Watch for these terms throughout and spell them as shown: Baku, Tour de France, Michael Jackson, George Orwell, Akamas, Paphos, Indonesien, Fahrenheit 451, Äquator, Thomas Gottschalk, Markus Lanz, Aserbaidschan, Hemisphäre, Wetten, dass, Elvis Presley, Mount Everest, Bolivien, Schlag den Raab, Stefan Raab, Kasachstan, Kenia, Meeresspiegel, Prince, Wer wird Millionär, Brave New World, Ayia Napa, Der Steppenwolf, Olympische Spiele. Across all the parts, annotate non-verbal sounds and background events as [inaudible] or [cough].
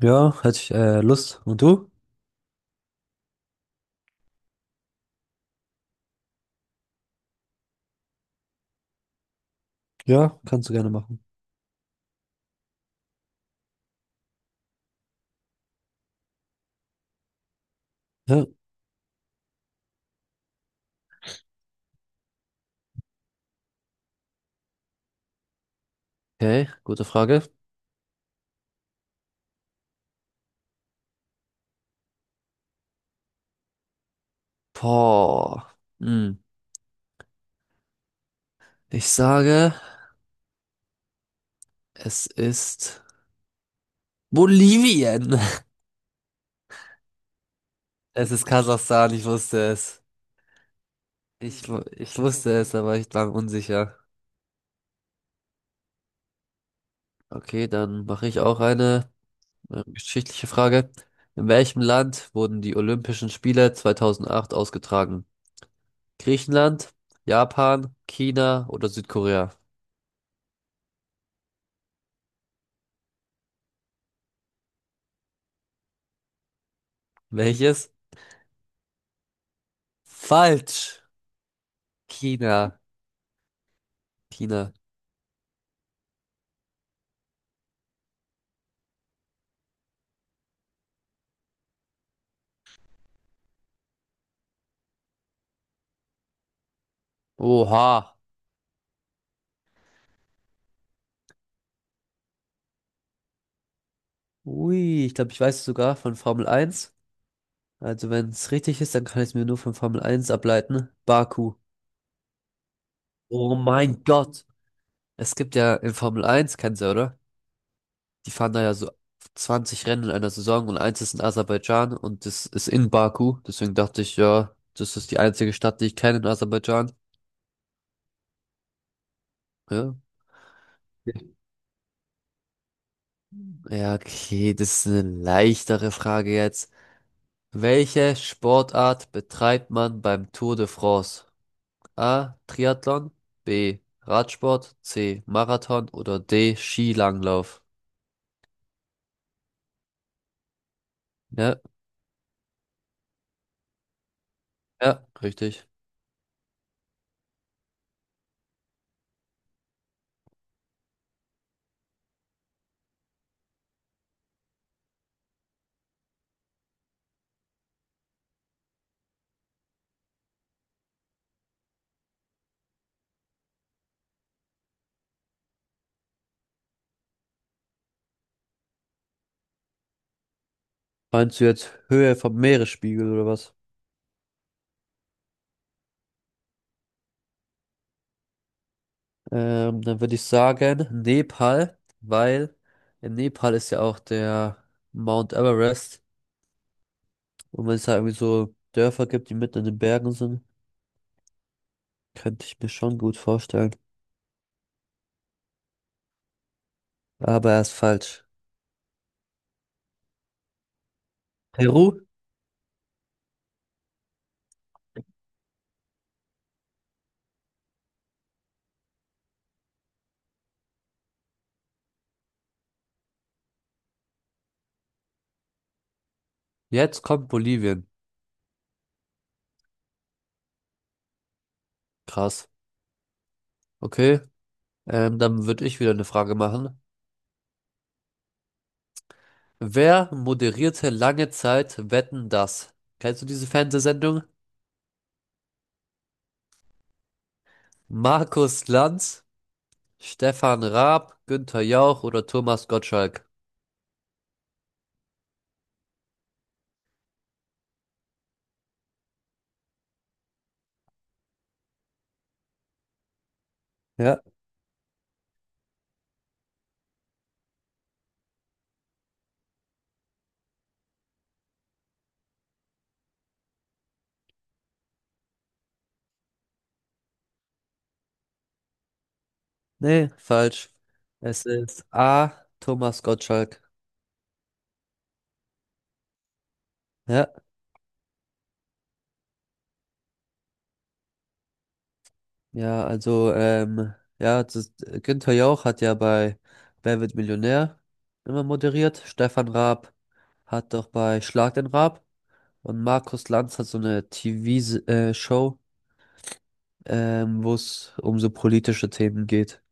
Ja, hätte ich Lust. Und du? Ja, kannst du gerne machen. Ja. Okay, gute Frage. Boah. Hm. Ich sage, es ist Bolivien. [laughs] Es ist Kasachstan, ich wusste es. Ich wusste es, aber ich war unsicher. Okay, dann mache ich auch eine geschichtliche Frage. In welchem Land wurden die Olympischen Spiele 2008 ausgetragen? Griechenland, Japan, China oder Südkorea? Welches? Falsch. China. China. Oha. Ui, ich glaube, ich weiß es sogar von Formel 1. Also wenn es richtig ist, dann kann ich es mir nur von Formel 1 ableiten. Baku. Oh mein Gott. Es gibt ja in Formel 1, kennst du, oder? Die fahren da ja so 20 Rennen in einer Saison und eins ist in Aserbaidschan und das ist in Baku. Deswegen dachte ich, ja, das ist die einzige Stadt, die ich kenne in Aserbaidschan. Ja. Ja, okay, das ist eine leichtere Frage jetzt. Welche Sportart betreibt man beim Tour de France? A. Triathlon, B. Radsport, C. Marathon oder D. Skilanglauf? Ja, ja, richtig. Meinst du jetzt Höhe vom Meeresspiegel oder was? Dann würde ich sagen Nepal, weil in Nepal ist ja auch der Mount Everest. Und wenn es da irgendwie so Dörfer gibt, die mitten in den Bergen sind, könnte ich mir schon gut vorstellen. Aber er ist falsch. Peru? Jetzt kommt Bolivien. Krass. Okay, dann würde ich wieder eine Frage machen. Wer moderierte lange Zeit Wetten, dass? Kennst du diese Fernsehsendung? Markus Lanz, Stefan Raab, Günther Jauch oder Thomas Gottschalk? Ja, nee, falsch. Es ist A, Thomas Gottschalk. Ja, ja, also, ja, das ist, Günther Jauch hat ja bei Wer wird Millionär immer moderiert. Stefan Raab hat doch bei Schlag den Raab. Und Markus Lanz hat so eine TV-Show, wo es um so politische Themen geht.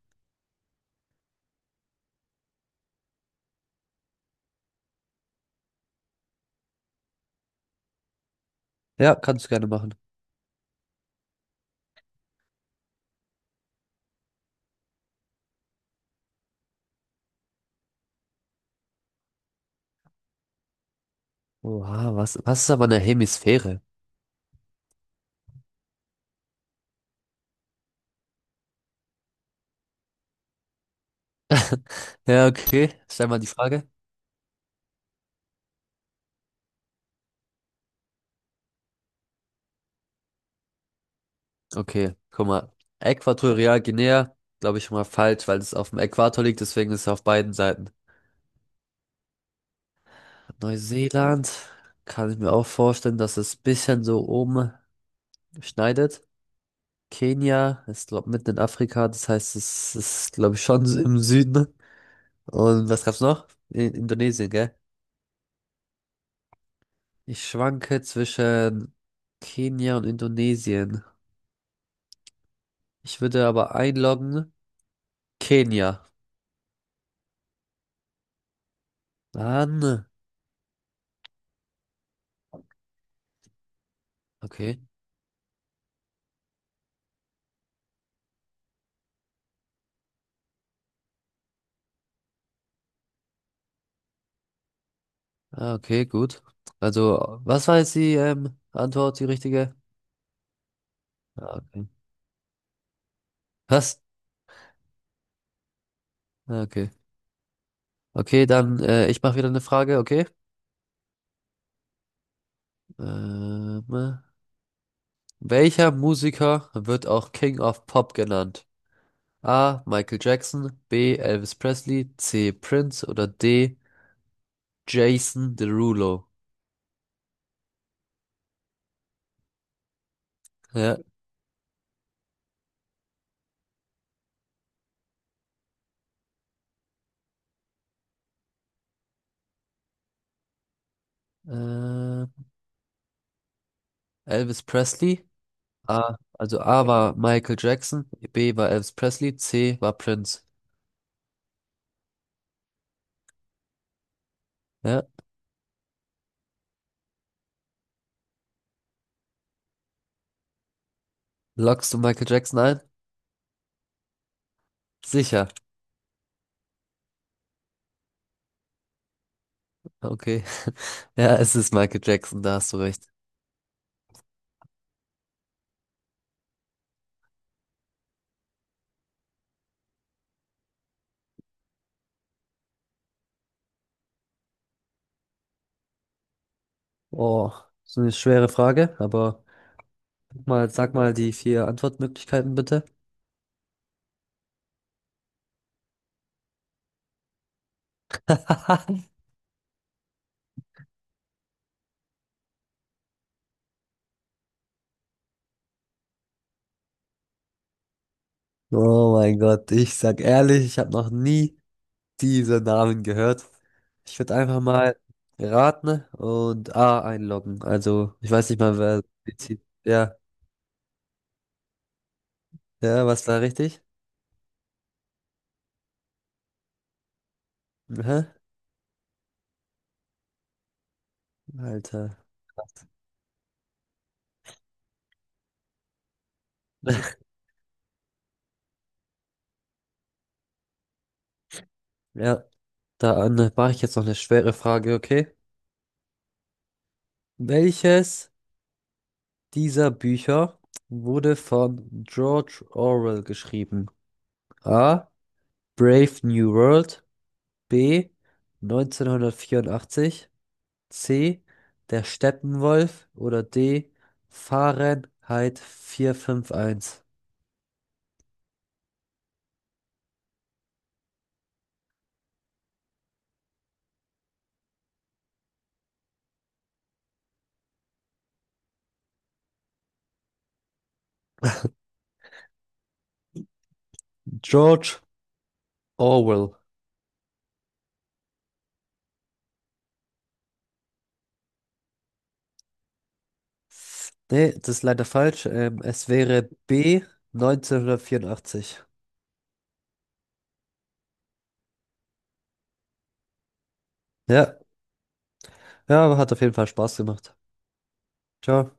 Ja, kannst du gerne machen. Oha, was ist aber eine Hemisphäre? Ja, okay. Stell mal die Frage. Okay, guck mal. Äquatorial glaube ich, schon mal falsch, weil es auf dem Äquator liegt, deswegen ist es auf beiden Seiten. Neuseeland, kann ich mir auch vorstellen, dass es bisschen so oben schneidet. Kenia ist, glaube mitten in Afrika, das heißt, es ist, glaube ich, schon im Süden. Und was gab's noch? In Indonesien, gell? Ich schwanke zwischen Kenia und Indonesien. Ich würde aber einloggen Kenia. Mann. Okay. Ah, okay, gut. Also, was war jetzt die Antwort, die richtige? Ah, okay. Was? Ah, okay. Okay, dann ich mache wieder eine Frage, okay? Ähm, Welcher Musiker wird auch King of Pop genannt? A. Michael Jackson, B. Elvis Presley, C. Prince oder D. Jason Derulo. Ja. Äh, Elvis Presley. A, also A war Michael Jackson, B war Elvis Presley, C war Prince. Ja. Loggst du Michael Jackson ein? Sicher. Okay. [laughs] Ja, es ist Michael Jackson, da hast du recht. Oh, so eine schwere Frage, aber guck mal, sag mal die vier Antwortmöglichkeiten bitte. [laughs] Oh mein Gott, ich sag ehrlich, ich habe noch nie diese Namen gehört. Ich würde einfach mal raten und A einloggen. Also, ich weiß nicht mal, wer bezieht. Ja, ja, was war richtig? Hä? Alter. [laughs] Ja, dann mache ich jetzt noch eine schwere Frage, okay? Welches dieser Bücher wurde von George Orwell geschrieben? A. Brave New World. B. 1984. C. Der Steppenwolf oder D. Fahrenheit 451. George Orwell. Nee, das ist leider falsch. Es wäre B, 1984. Ja, ja, hat auf jeden Fall Spaß gemacht. Ciao.